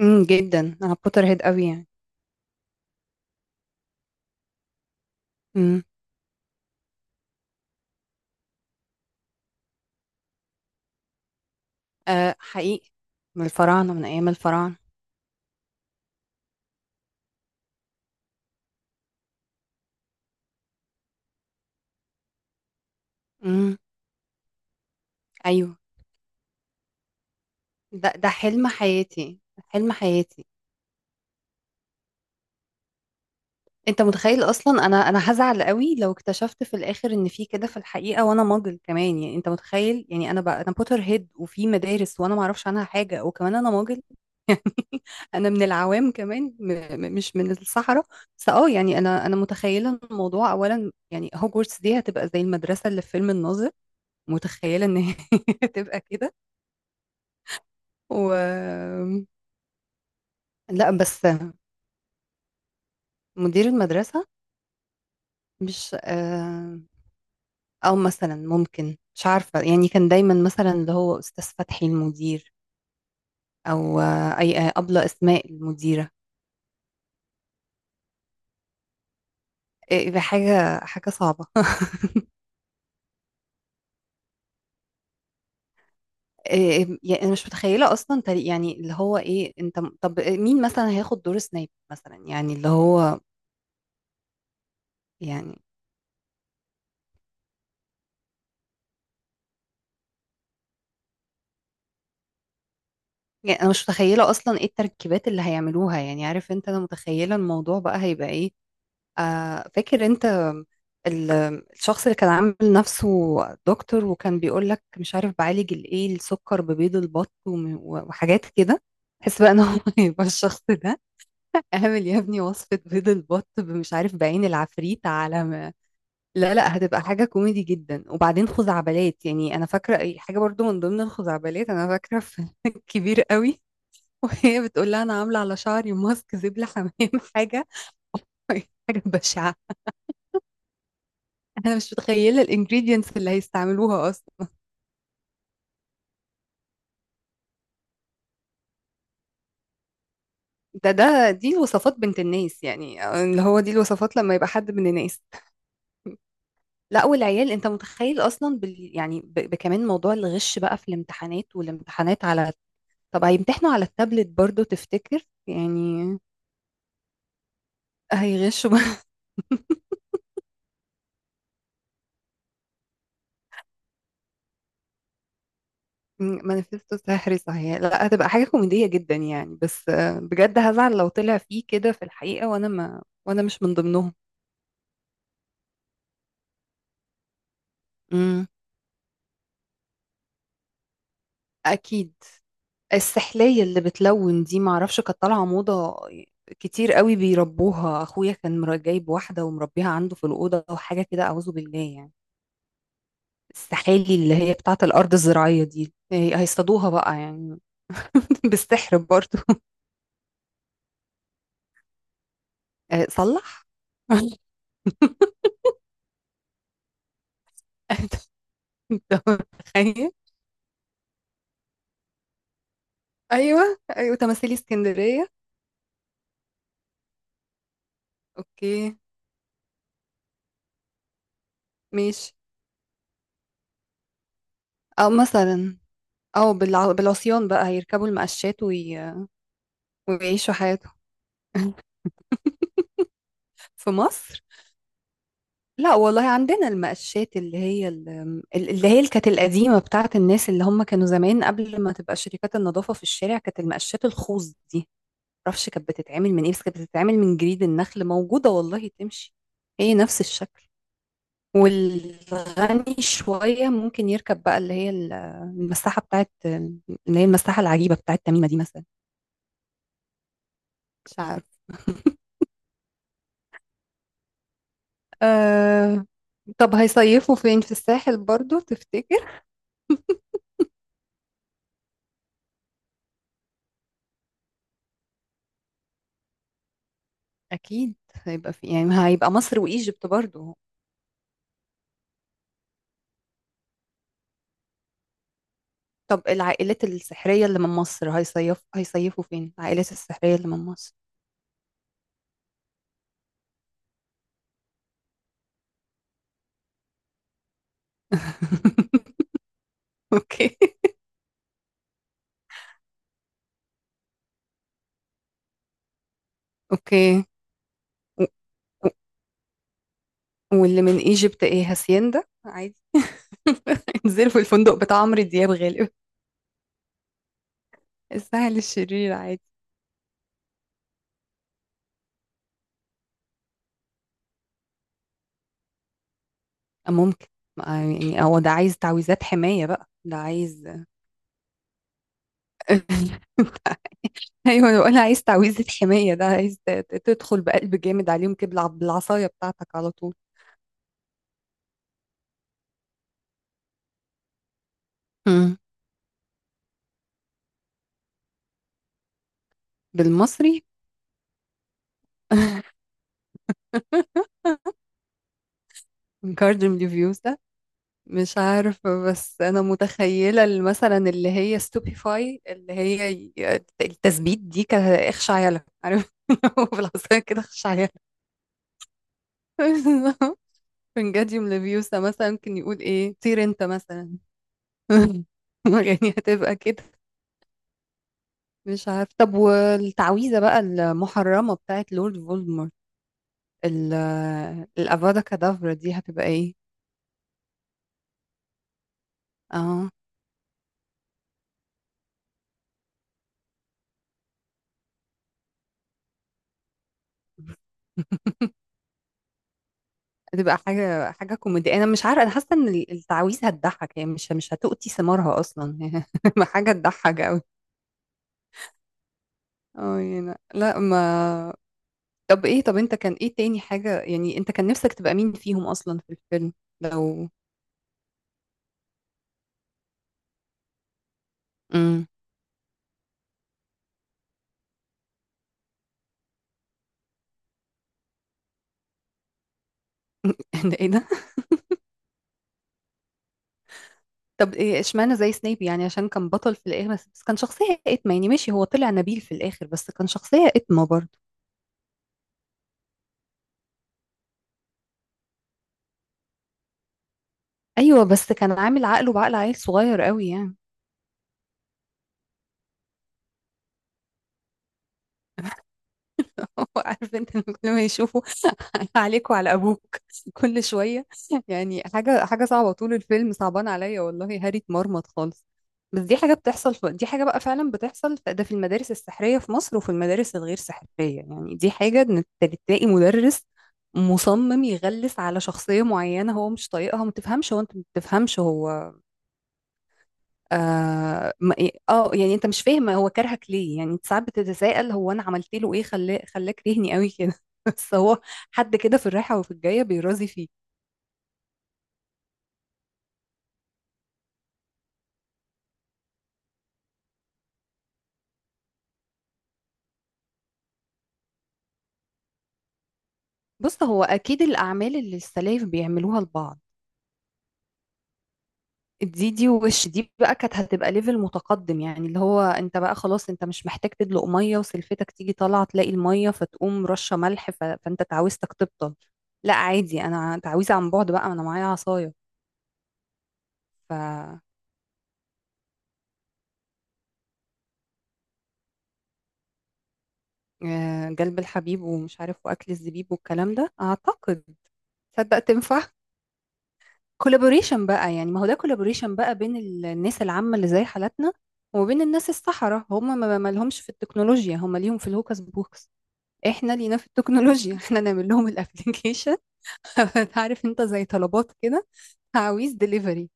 جدا انا بوتر هيد قوي يعني. امم. آه، حقيقي. من الفراعنه، من ايام الفراعنه. امم. ايوه. ده حلم حياتي. حلم حياتي. انت متخيل اصلا، انا هزعل قوي لو اكتشفت في الاخر ان في كده في الحقيقه وانا ماجل كمان، يعني انت متخيل، يعني انا بقى انا بوتر هيد وفي مدارس وانا ما اعرفش عنها حاجه وكمان انا ماجل. انا من العوام كمان، م م مش من الصحراء. بس يعني انا متخيله الموضوع اولا، يعني هوجورتس دي هتبقى زي المدرسه اللي في فيلم الناظر. متخيلة إن هي تبقى كده. و لأ، بس مدير المدرسة، مش آه، أو مثلا ممكن، مش عارفة، يعني كان دايما مثلا اللي هو أستاذ فتحي المدير، أو آه، أي آه، أبلة أسماء المديرة. إيه ده، حاجة حاجة صعبة. إيه؟ يعني أنا مش متخيلة أصلا يعني اللي هو إيه، أنت طب مين مثلا هياخد دور سنايب مثلا يعني اللي هو. يعني يعني انا مش متخيله اصلا ايه التركيبات اللي هيعملوها، يعني عارف انت، انا متخيله الموضوع بقى هيبقى ايه. فاكر انت ال- الشخص اللي كان عامل نفسه دكتور وكان بيقول لك مش عارف بعالج الايه السكر ببيض البط وم- وحاجات كده. تحس بقى ان هو يبقى الشخص ده، اعمل يا ابني وصفة بيض البط مش عارف بعين العفريت على ما. لا لا، هتبقى حاجة كوميدي جدا، وبعدين خزعبلات، يعني انا فاكرة اي حاجة برضو. من ضمن الخزعبلات انا فاكرة في كبير قوي وهي بتقول لها انا عاملة على شعري ماسك زبلة حمام. حاجة حاجة بشعة. انا مش متخيله الانجريدينتس اللي هيستعملوها اصلا. ده دي الوصفات بنت الناس، يعني اللي هو دي الوصفات لما يبقى حد من الناس. لا والعيال، انت متخيل اصلا بال، يعني بكمان موضوع الغش بقى في الامتحانات والامتحانات على. طب هيمتحنوا على التابلت برضو تفتكر، يعني هيغشوا بقى. مانيفستو سحري، صحيح، لا هتبقى حاجه كوميديه جدا يعني، بس بجد هزعل لو طلع فيه كده في الحقيقه وانا مش من ضمنهم. امم. اكيد. السحلية اللي بتلون دي، معرفش كانت طالعة موضة. كتير قوي بيربوها، اخويا كان جايب واحدة ومربيها عنده في الأوضة وحاجة كده، أعوذ بالله يعني. السحالي اللي هي بتاعة الأرض الزراعية دي، هيصطادوها بقى يعني. بالسحر برضو. صلح. انت متخيل. ايوه ايوه، تماثيل اسكندرية. اوكي. ماشي. او مثلا، او بالعصيان بقى هيركبوا المقشات ويعيشوا حياتهم. في مصر، لا والله، عندنا المقشات اللي هي اللي هي اللي كانت القديمة بتاعت الناس اللي هم كانوا زمان قبل ما تبقى شركات النظافة في الشارع، كانت المقشات الخوص دي. معرفش كانت بتتعمل من ايه، بس كانت بتتعمل من جريد النخل. موجودة والله تمشي، هي نفس الشكل. والغني شوية ممكن يركب بقى اللي هي المساحة بتاعت اللي هي المساحة العجيبة بتاعت تميمة دي مثلا. مش عارف. أه. طب هيصيفوا فين، في الساحل برضو تفتكر؟ أكيد هيبقى في، يعني هيبقى مصر وإيجيبت برضه. طب العائلات السحرية اللي من مصر هيصيف، هيصيفوا فين؟ العائلات السحرية اللي من مصر. أوكي. أوكي. و- و- واللي من إيجيبت إيه، هاسيندا عادي؟ انزلوا في الفندق بتاع عمرو دياب غالبا. السهل الشرير عادي. أه، ممكن. ما- يعني هو ده عايز تعويذات حماية بقى، ده عايز. ايوه، انا بقول عايز تعويذة حماية، ده عايز تدخل بقلب جامد عليهم كده بالعصاية بتاعتك على طول. بالمصري. من كاردن ريفيوز ده. مش عارفة، بس أنا متخيلة مثلا اللي هي ستوبيفاي اللي هي التثبيت دي، كإخش عيالة، عارف، بالعصاية كده إخش عيالة. فنجاديوم ليفيوسا مثلا ممكن يقول إيه، طير أنت مثلا. يعني هتبقى كده. مش عارف. طب والتعويذة بقى المحرمة بتاعت لورد فولدمورت، ال- الأفادا كادافرا دي هتبقى إيه؟ اه. بتبقى حاجة حاجة كوميدية، أنا مش عارفة، أنا حاسة إن التعويذة هتضحك، يعني مش هتؤتي ثمارها أصلا. حاجة تضحك أوي. أه، يعني لا ما. طب إيه، طب أنت كان إيه تاني حاجة، يعني أنت كان نفسك تبقى مين فيهم أصلا في الفيلم لو. امم. ده إيه ده؟ طب إيه إشمعنى زي سنيب، يعني عشان كان بطل في الآخر، بس بس كان شخصية إتمة، يعني ماشي هو طلع نبيل في الآخر بس كان شخصية إتمة برضه. أيوه، بس كان عامل عقله بعقل عيل صغير أوي يعني. عارف انت، لما كل ما يشوفوا. عليك وعلى ابوك. كل شويه. يعني حاجه حاجه صعبه، طول الفيلم صعبان عليا والله، هاري اتمرمط خالص. بس دي حاجه بتحصل في، دي حاجه بقى فعلا بتحصل، ده في المدارس السحريه في مصر وفي المدارس الغير سحريه، يعني دي حاجه ان تلاقي مدرس مصمم يغلس على شخصيه معينه هو مش طايقها، ما تفهمش هو، انت ما تفهمش هو. اه ما- إيه، آه، يعني انت مش فاهم هو كرهك ليه، يعني انت ساعات بتتساءل، هو انا عملت له ايه خلاه خلاك كرهني قوي كده. بس هو حد كده في الرايحه وفي الجايه بيرازي فيه. بص، هو اكيد الاعمال اللي السلايف بيعملوها لبعض دي وش دي بقى كانت هتبقى ليفل متقدم، يعني اللي هو انت بقى خلاص انت مش محتاج تدلق ميه وسلفتك تيجي طالعه تلاقي الميه فتقوم رشه ملح، فانت تعويذتك تبطل. لا عادي، انا تعويذه عن بعد بقى، انا معايا عصايه. ف جلب الحبيب ومش عارف واكل الزبيب والكلام ده، اعتقد تصدق تنفع. كولابوريشن بقى، يعني ما هو ده كولابوريشن بقى بين الناس العامة اللي زي حالاتنا، وبين الناس الصحراء. هم ما ما لهمش في التكنولوجيا، هم ليهم في الهوكس بوكس. احنا لينا في التكنولوجيا. احنا نعمل لهم الابليكيشن. عارف انت، زي طلبات كده، عاوز ديليفري.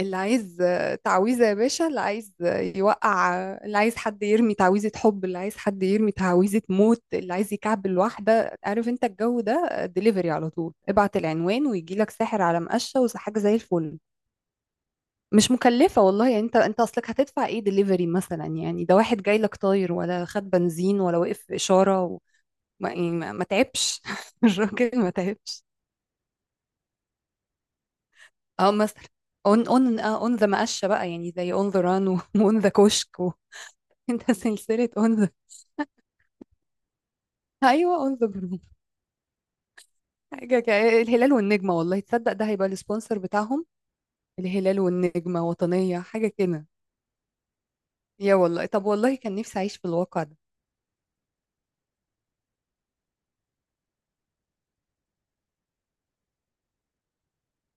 اللي عايز تعويذة يا باشا، اللي عايز يوقع، اللي عايز حد يرمي تعويذة حب، اللي عايز حد يرمي تعويذة موت، اللي عايز يكعبل واحدة، عارف انت الجو ده، دليفري على طول، ابعت العنوان ويجي لك ساحر على مقشة وحاجة زي الفل. مش مكلفة والله، يعني انت اصلك هتدفع ايه دليفري مثلا، يعني ده واحد جاي لك طاير، ولا خد بنزين ولا وقف في إشارة و... ما, يعني ما ما تعبش. الراجل ما تعبش. اه مثلا، اون ذا مقشة بقى، يعني زي اون ذا ران واون ذا كشك. انت سلسلة اون ذا. ايوه، اون ذا جروب. حاجة الهلال والنجمة، والله تصدق ده هيبقى السبونسر بتاعهم، الهلال والنجمة وطنية حاجة كده. يا والله، طب والله كان نفسي اعيش في الواقع ده.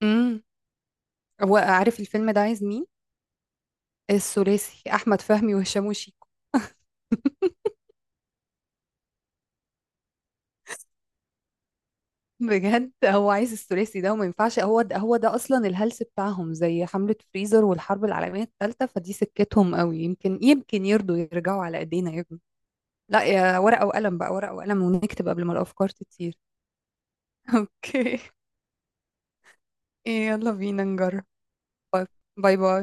امم. هو عارف الفيلم ده عايز مين؟ الثلاثي احمد فهمي وهشام وشيكو. بجد هو عايز الثلاثي ده، وما ينفعش، هو ده هو ده اصلا الهلس بتاعهم زي حملة فريزر والحرب العالمية الثالثة، فدي سكتهم قوي، يمكن يمكن يرضوا يرجعوا على ايدينا يا ابني. لا، يا ورقة وقلم بقى، ورقة وقلم ونكتب قبل ما الافكار تطير. اوكي. يلا بينا نجرب. باي باي.